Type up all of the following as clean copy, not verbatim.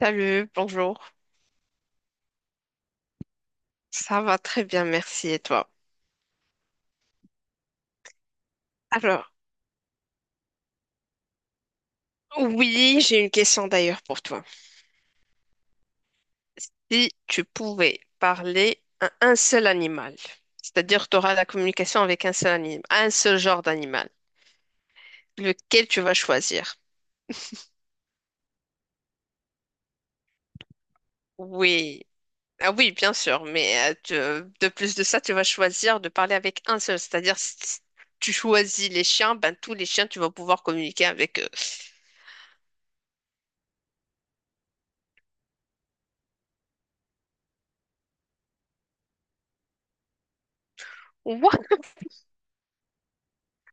Salut, bonjour. Ça va très bien, merci. Et toi? Alors, oui, j'ai une question d'ailleurs pour toi. Si tu pouvais parler à un seul animal, c'est-à-dire tu auras la communication avec un seul animal, un seul genre d'animal, lequel tu vas choisir? Oui. Ah oui, bien sûr, mais tu- de plus de ça, tu vas choisir de parler avec un seul, c'est-à-dire si tu choisis les chiens, ben tous les chiens, tu vas pouvoir communiquer avec eux. What?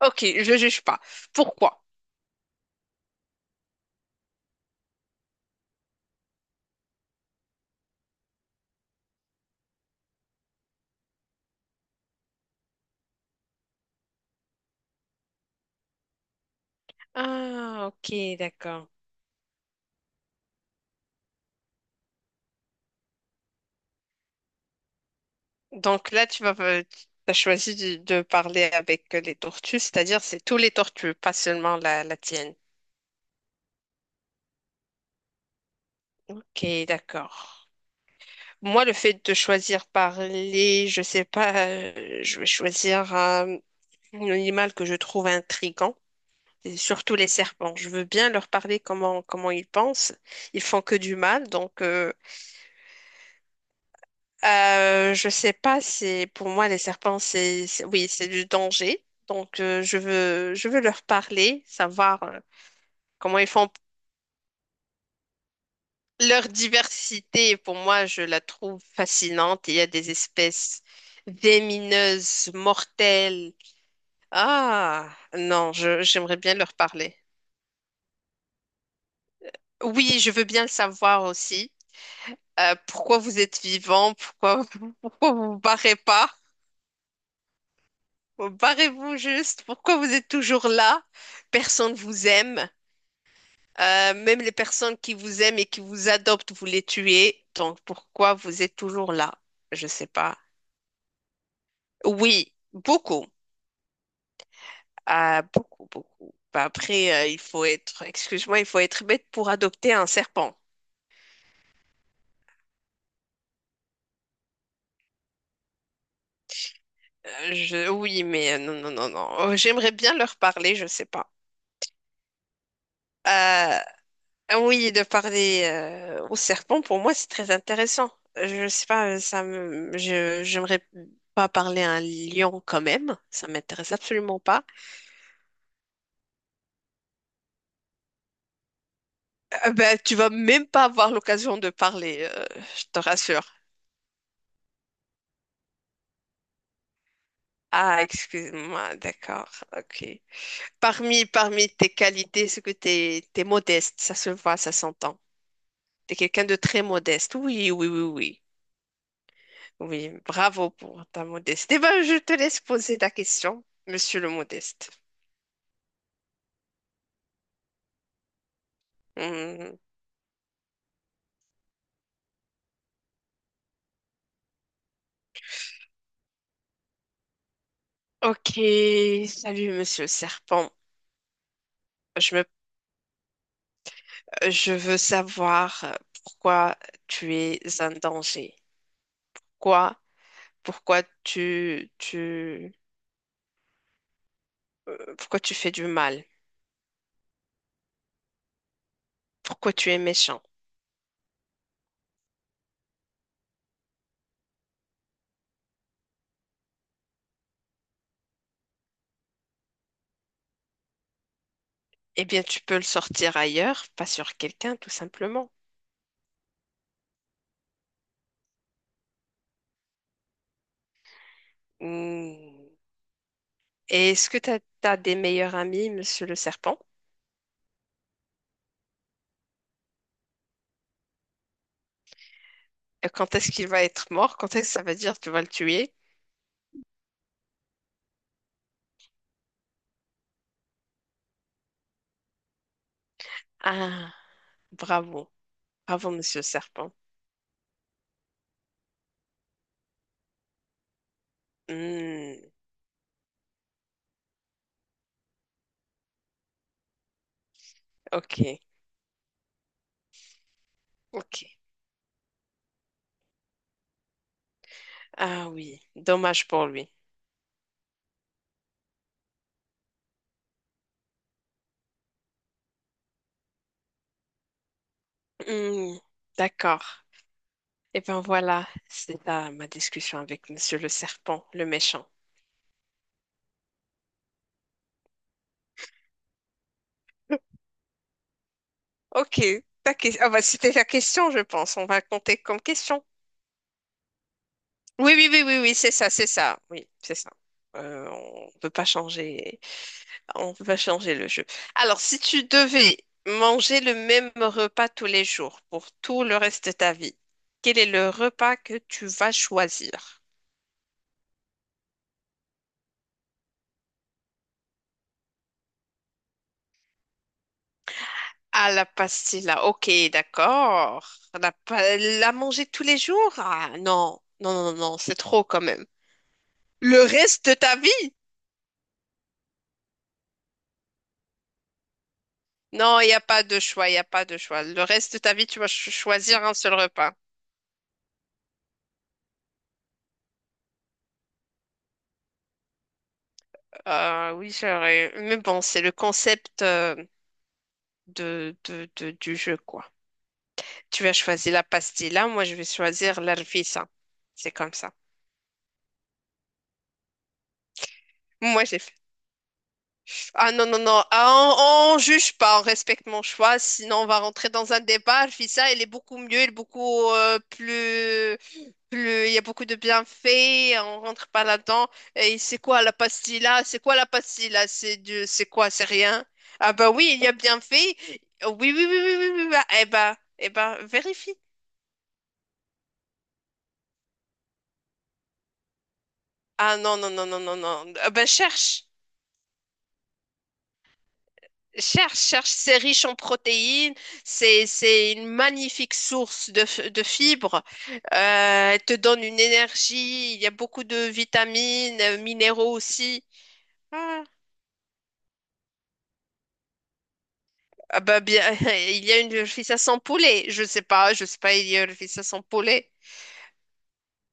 Ok, je juge pas. Pourquoi? Ah, ok, d'accord. Donc là, tu vas, as choisi de parler avec les tortues, c'est-à-dire c'est tous les tortues, pas seulement la, la tienne. Ok, d'accord. Moi, le fait de choisir parler, je sais pas, je vais choisir un animal que je trouve intriguant. Et surtout les serpents. Je veux bien leur parler comment, comment ils pensent. Ils font que du mal. Je sais pas, c'est, pour moi, les serpents, c'est- oui, c'est du danger. Donc, je veux leur parler, savoir comment ils font. Leur diversité, pour moi, je la trouve fascinante. Il y a des espèces vénéneuses, mortelles. Ah, non, je, j'aimerais bien leur parler. Oui, je veux bien le savoir aussi. Pourquoi vous êtes vivant? Pourquoi, pourquoi vous vous barrez pas? Barrez-vous juste. Pourquoi vous êtes toujours là? Personne vous aime. Même les personnes qui vous aiment et qui vous adoptent, vous les tuez. Donc pourquoi vous êtes toujours là? Je sais pas. Oui, beaucoup. Ah, beaucoup, beaucoup. Bah, après, il faut être, excuse-moi, il faut être bête pour adopter un serpent. Je, oui, mais non, non, non, non. Oh, j'aimerais bien leur parler, je sais pas. Euh, Ah oui, de parler au serpent, pour moi, c'est très intéressant. Je sais pas, ça me, je, j'aimerais pas parler à un lion quand même. Ça m'intéresse absolument pas. Ben, tu vas même pas avoir l'occasion de parler, je te rassure. Ah, excuse-moi, d'accord, ok. Parmi, parmi tes qualités, c'est que t'es, t'es modeste, ça se voit, ça s'entend. T'es quelqu'un de très modeste. Oui, oui, oui, oui. Oui, bravo pour ta modestie. Eh ben, je te laisse poser ta question, monsieur le modeste. Hmm. Ok, salut Monsieur Serpent. Je me, je veux savoir pourquoi tu es un danger. Quoi? Pourquoi tu, tu, pourquoi tu fais du mal? Pourquoi tu es méchant? Eh bien, tu peux le sortir ailleurs, pas sur quelqu'un, tout simplement. Hmm. Et est-ce que tu as, des meilleurs amis, Monsieur le Serpent? Et quand est-ce qu'il va être mort? Quand est-ce que ça veut dire que tu vas le tuer? Ah, bravo, bravo Monsieur le Serpent. Hmm. Ok. Ok. Ah oui, dommage pour lui. Hmm, d'accord. Et ben voilà, c'est là ma discussion avec Monsieur le Serpent, le méchant. Ok, ta que- ah bah, c'était la question, je pense. On va compter comme question. Oui, oui, oui, oui, oui, c'est ça, c'est ça. Oui, c'est ça. On peut pas changer, on peut pas changer le jeu. Alors, si tu devais manger le même repas tous les jours pour tout le reste de ta vie, quel est le repas que tu vas choisir? Ah, la pastilla. Ok, d'accord. La, pa- la manger tous les jours? Ah, non. Non, non, non, non, c'est trop quand même. Le reste de ta vie? Non, il n'y a pas de choix, il n'y a pas de choix. Le reste de ta vie, tu vas cho- choisir un seul repas. Oui, j'aurais. Mais bon, c'est le concept du jeu, quoi. Tu vas choisir la pastilla, moi je vais choisir l'arfisa. C'est comme ça. Moi, j'ai ah non, non, non, ah, on juge pas, on respecte mon choix, sinon on va rentrer dans un débat. Je vis elle est beaucoup mieux, elle est beaucoup plus, plus, il y a beaucoup de bienfaits, on rentre pas là-dedans. Et c'est quoi la pastille là? C'est quoi la pastille là? C'est du, c'est quoi? C'est rien? Ah bah oui, il y a bienfait. Oui, oui, oui, oui, oui, oui, oui. Ah, eh bah, eh bah, vérifie. Ah non, non, non, non, non, non. Ah bah cherche. Cherche, cherche, c'est riche en protéines, c'est une magnifique source de, f- de fibres, elle te donne une énergie, il y a beaucoup de vitamines, minéraux aussi. Ah, ah bah bien, il y a une fissa sans poulet, je sais pas, il y a une fissa sans poulet.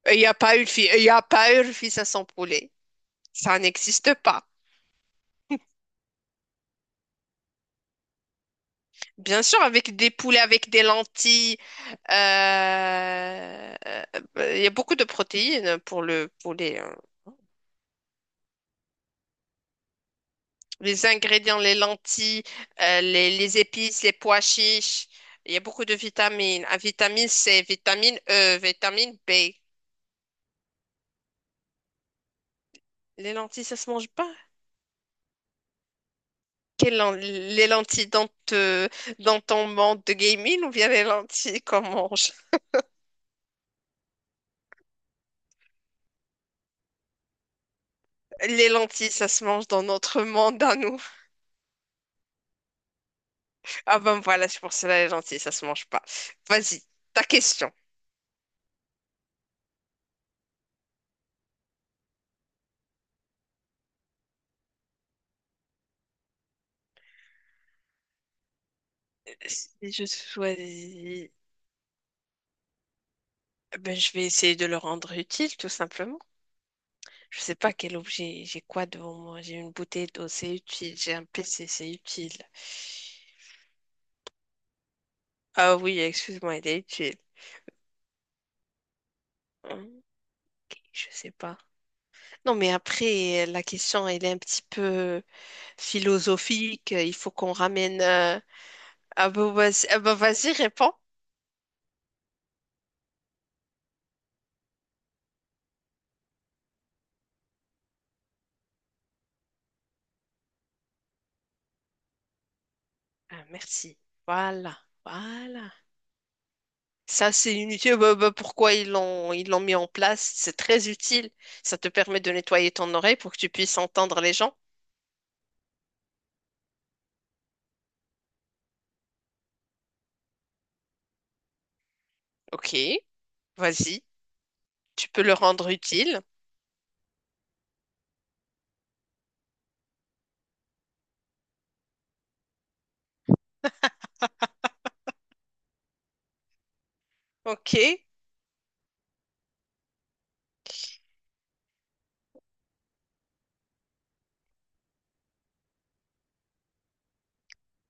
Il y a pas une fi- il y a pas une fissa sans poulet, ça n'existe pas. Bien sûr, avec des poulets, avec des lentilles, euh, euh, il y a beaucoup de protéines pour le poulet, hein. Les ingrédients, les lentilles, les épices, les pois chiches. Il y a beaucoup de vitamines. Ah, vitamine C, vitamine E, vitamine B. Les lentilles, ça se mange pas? Quelles len- les lentilles dans, te- dans ton monde de gaming ou bien les lentilles qu'on mange? Les lentilles, ça se mange dans notre monde à nous. Ah ben voilà, c'est pour cela les lentilles, ça se mange pas. Vas-y, ta question. Si je choisis, ben je vais essayer de le rendre utile, tout simplement. Je sais pas quel objet, j'ai quoi devant moi? J'ai une bouteille d'eau, c'est utile. J'ai un PC, c'est utile. Ah oui, excuse-moi, il est utile. Ok, je sais pas. Non, mais après, la question, elle est un petit peu philosophique. Il faut qu'on ramène. Ah bah vas-y, réponds. Ah, merci. Voilà, voilà. Ça, c'est une utile. Bah, pourquoi ils l'ont mis en place? C'est très utile. Ça te permet de nettoyer ton oreille pour que tu puisses entendre les gens. Ok, vas-y. Tu peux le rendre utile. Ok,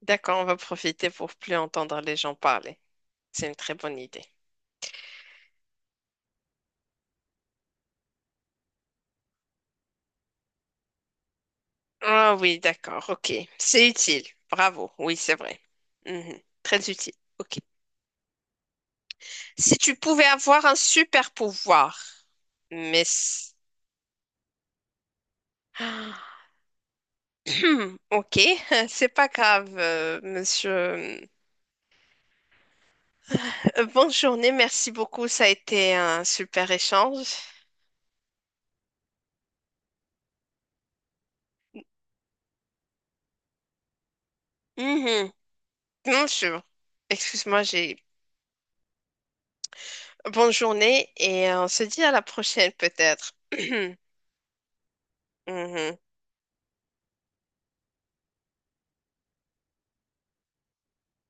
d'accord, on va profiter pour plus entendre les gens parler. C'est une très bonne idée. Ah oui, d'accord, ok. C'est utile. Bravo. Oui, c'est vrai. Mhm. Très utile. Ok. Si tu pouvais avoir un super pouvoir, mais... c- ah. Ok, c'est pas grave, monsieur. Bonne journée, merci beaucoup. Ça a été un super échange. Mhm. Bien sûr. Excuse-moi, j'ai... bonne journée et on se dit à la prochaine peut-être. Mhm.